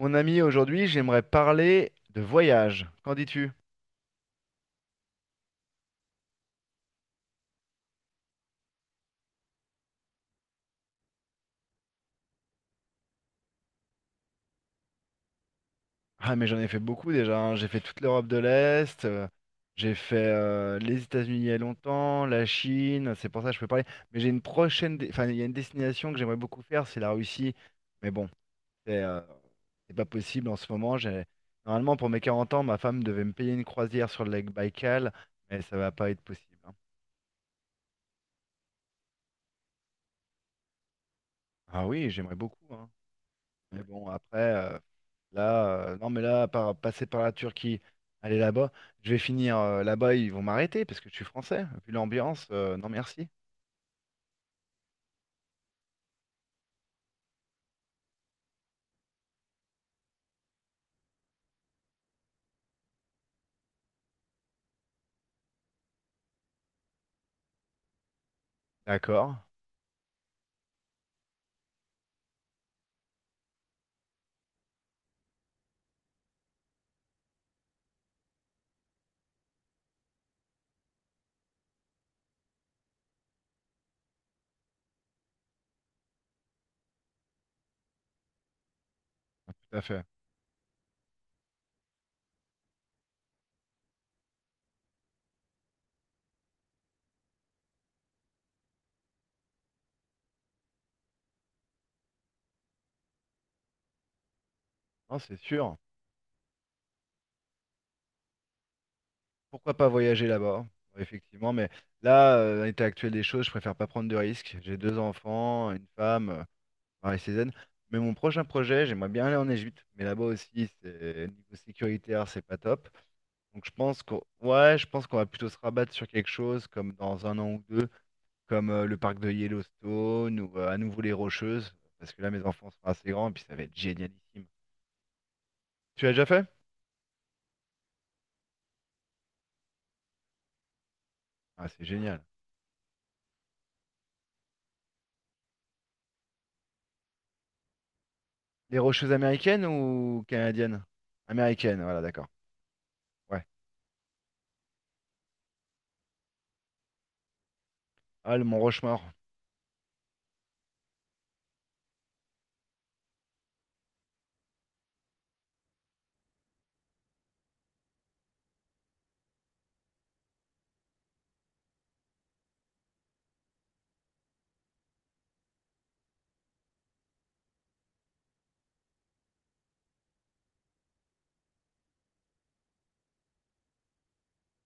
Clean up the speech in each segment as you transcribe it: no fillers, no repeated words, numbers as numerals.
Mon ami, aujourd'hui, j'aimerais parler de voyage. Qu'en dis-tu? Ah, mais j'en ai fait beaucoup déjà, hein. J'ai fait toute l'Europe de l'Est, j'ai fait les États-Unis il y a longtemps, la Chine, c'est pour ça que je peux parler. Mais j'ai une prochaine, enfin, il y a une destination que j'aimerais beaucoup faire, c'est la Russie. Mais bon, c'est euh, c'est pas possible en ce moment. J'ai... Normalement, pour mes 40 ans, ma femme devait me payer une croisière sur le lac Baïkal, mais ça va pas être possible, hein. Ah oui, j'aimerais beaucoup, hein. Mais bon, après, là, non, mais là, passer par la Turquie, aller là-bas, je vais finir là-bas, ils vont m'arrêter parce que je suis français. Vu l'ambiance, non merci. D'accord, tout à fait. Non, c'est sûr. Pourquoi pas voyager là-bas? Effectivement, mais là, à l'état actuel des choses, je préfère pas prendre de risques. J'ai deux enfants, une femme. Pareil, Cézanne. Mais mon prochain projet, j'aimerais bien aller en Égypte, mais là-bas aussi, c'est niveau sécuritaire, c'est pas top. Donc je pense qu'on, ouais, je pense qu'on va plutôt se rabattre sur quelque chose comme dans un an ou deux, comme le parc de Yellowstone ou à nouveau les Rocheuses, parce que là mes enfants sont assez grands et puis ça va être génialissime. Tu l'as déjà fait? Ah, c'est génial. Les Rocheuses américaines ou canadiennes? Américaines, voilà, d'accord. Ouais. Ah, le Mont Rushmore.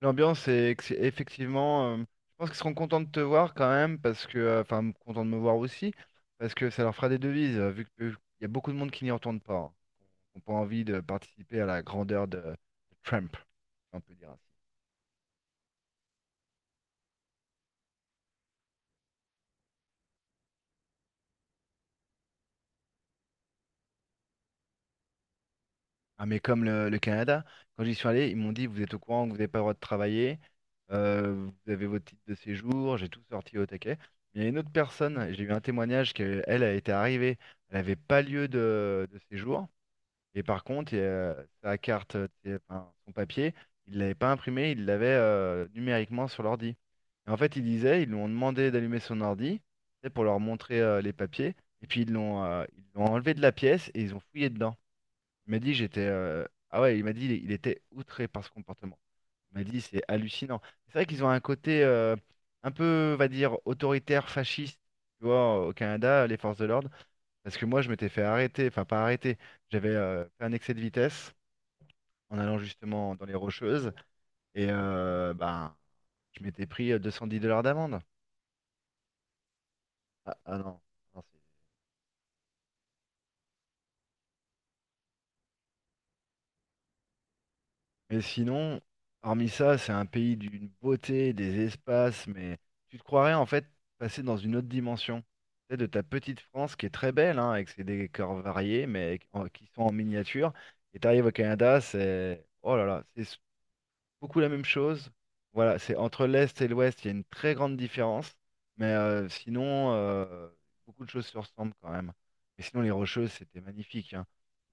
L'ambiance est effectivement, je pense qu'ils seront contents de te voir quand même, parce que, enfin, contents de me voir aussi, parce que ça leur fera des devises, vu qu'il y a beaucoup de monde qui n'y entendent pas, hein, qui n'ont pas envie de participer à la grandeur de Trump, si on peut dire ainsi. Ah, mais comme le Canada, quand j'y suis allé, ils m'ont dit, vous êtes au courant que vous n'avez pas le droit de travailler, euh, vous avez votre titre de séjour, j'ai tout sorti au taquet. Mais il y a une autre personne, j'ai eu un témoignage qu'elle, elle a été arrivée, elle n'avait pas lieu de séjour. Et par contre, sa carte, c'est- enfin, son papier, il l'avait pas imprimé, il l'avait numériquement sur l'ordi. Et en fait, il disait, ils lui ont demandé d'allumer son ordi, tu sais, pour leur montrer les papiers. Et puis ils l'ont enlevé de la pièce et ils ont fouillé dedans. Il m'a dit, j'étais. Ah ouais, il m'a dit, il était outré par ce comportement. Il m'a dit, c'est hallucinant. C'est vrai qu'ils ont un côté un peu, on va dire, autoritaire, fasciste, tu vois, au Canada, les forces de l'ordre. Parce que moi, je m'étais fait arrêter, enfin pas arrêter, j'avais fait un excès de vitesse en allant justement dans les rocheuses et ben, je m'étais pris 210 $ d'amende. Ah, ah non. Non, c'est- mais sinon, hormis ça, c'est un pays d'une beauté, des espaces, mais tu te croirais en fait passer dans une autre dimension. Tu sais, de ta petite France qui est très belle, hein, avec ses décors variés, mais qui sont en miniature. Et t'arrives au Canada, c'est... Oh là là, c'est beaucoup la même chose. Voilà, c'est entre l'Est et l'Ouest, il y a une très grande différence. Mais sinon, beaucoup de choses se ressemblent quand même. Et sinon, les Rocheuses, c'était magnifique, hein.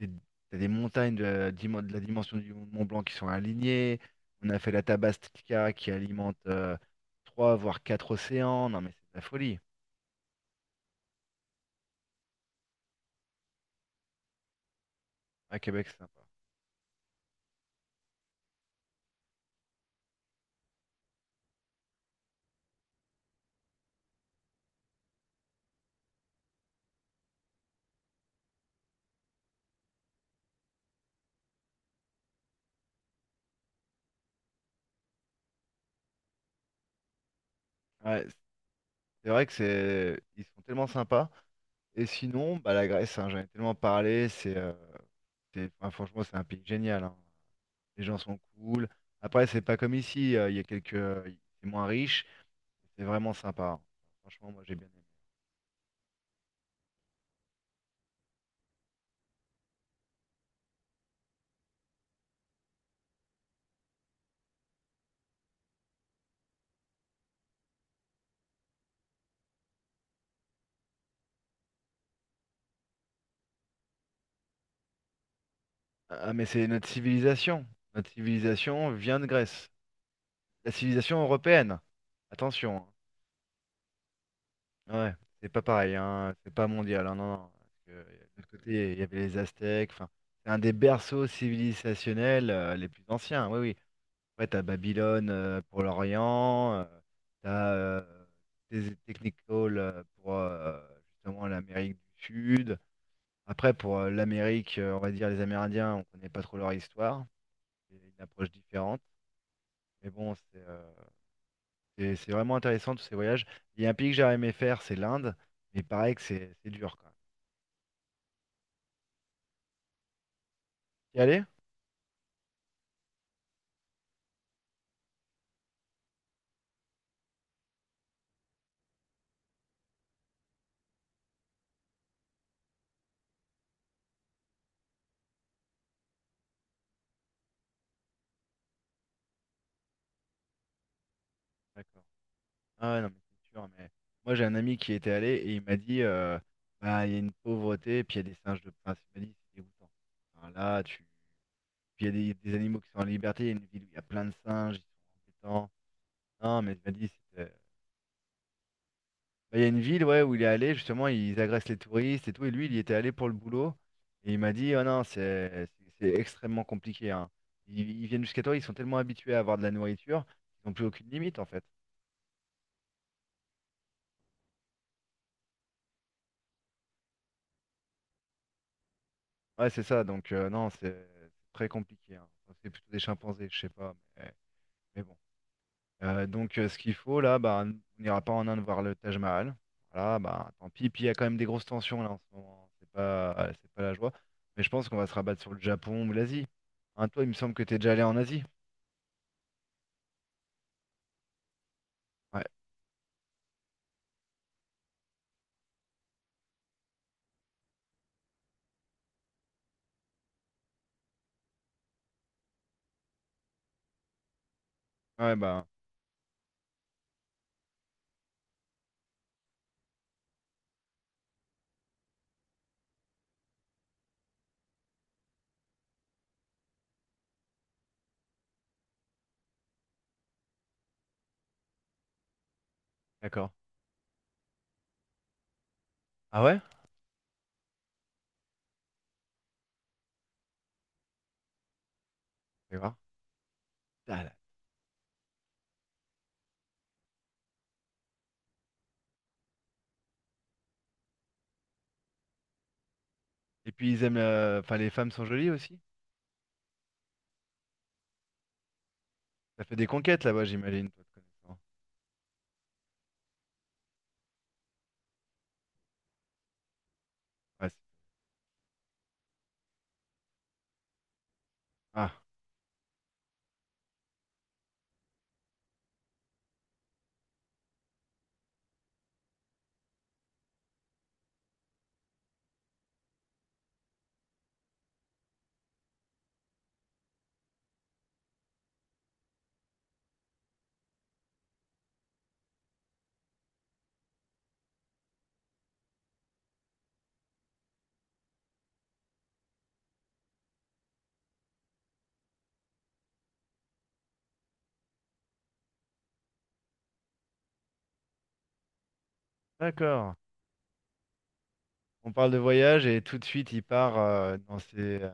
Des- t'as des montagnes de la, de la dimension du Mont Blanc qui sont alignées. On a fait la Tabastica qui alimente trois, voire quatre océans. Non, mais c'est de la folie. À Québec, c'est sympa. Ouais, c'est vrai que c'est, ils sont tellement sympas. Et sinon, bah, la Grèce, hein, j'en ai tellement parlé. C'est- enfin, franchement, c'est un pays génial, hein. Les gens sont cool. Après, c'est pas comme ici, il y a quelques, c'est moins riche, c'est vraiment sympa, hein. Franchement, moi j'ai bien aimé. Ah, mais c'est notre civilisation. Notre civilisation vient de Grèce. La civilisation européenne. Attention, hein. Ouais, c'est pas pareil, hein. C'est pas mondial, hein, non, non. Parce que, de l'autre côté, il y avait les Aztèques. Enfin, c'est un des berceaux civilisationnels, les plus anciens. Oui, oui. Ouais, t'as Babylone pour l'Orient, t'as des Technical pour justement l'Amérique du Sud. Après, pour l'Amérique, on va dire les Amérindiens, on connaît pas trop leur histoire. C'est une approche différente. Mais bon, c'est vraiment intéressant tous ces voyages. Il y a un pays que j'aurais aimé faire, c'est l'Inde. Mais pareil que c'est dur quand même. Y aller? D'accord. Ah ouais, non, mais c'est sûr, mais moi j'ai un ami qui y était allé et il m'a dit bah il y a une pauvreté, et puis il y a des singes de prince. Il m'a dit c'est dégoûtant. Enfin, là, tu. Puis il y a des animaux qui sont en liberté, il y a une ville où il y a plein de singes, ils sont embêtants. Non, mais il m'a dit c'était. Bah, il y a une ville ouais, où il est allé, justement, ils agressent les touristes et tout, et lui il y était allé pour le boulot. Et il m'a dit oh non, c'est extrêmement compliqué, hein. Ils viennent jusqu'à toi, ils sont tellement habitués à avoir de la nourriture, ils n'ont plus aucune limite en fait. Ouais, c'est ça. Donc, non, c'est très compliqué, hein. Enfin, c'est plutôt des chimpanzés, je sais pas. Mais bon. Donc, ce qu'il faut, là, bah, on n'ira pas en Inde voir le Taj Mahal. Voilà, bah, tant pis. Puis, il y a quand même des grosses tensions, là, en ce moment, hein. C'est pas la joie. Mais je pense qu'on va se rabattre sur le Japon ou l'Asie. Hein, toi, il me semble que t'es déjà allé en Asie. Ouais. Ouais, bah, d'accord. Ah ouais? Fais voir. Ah là. Et puis, ils aiment. La- enfin, les femmes sont jolies aussi. Ça fait des conquêtes là-bas, j'imagine, toi, te connaissant. Ouais, c'est- ah, d'accord. On parle de voyage et tout de suite il part dans ses...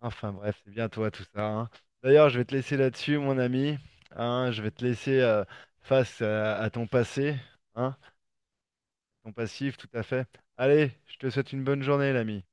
Enfin bref, c'est bien toi tout ça, hein. D'ailleurs, je vais te laisser là-dessus, mon ami. Hein, je vais te laisser face à ton passé, hein, ton passif, tout à fait. Allez, je te souhaite une bonne journée, l'ami.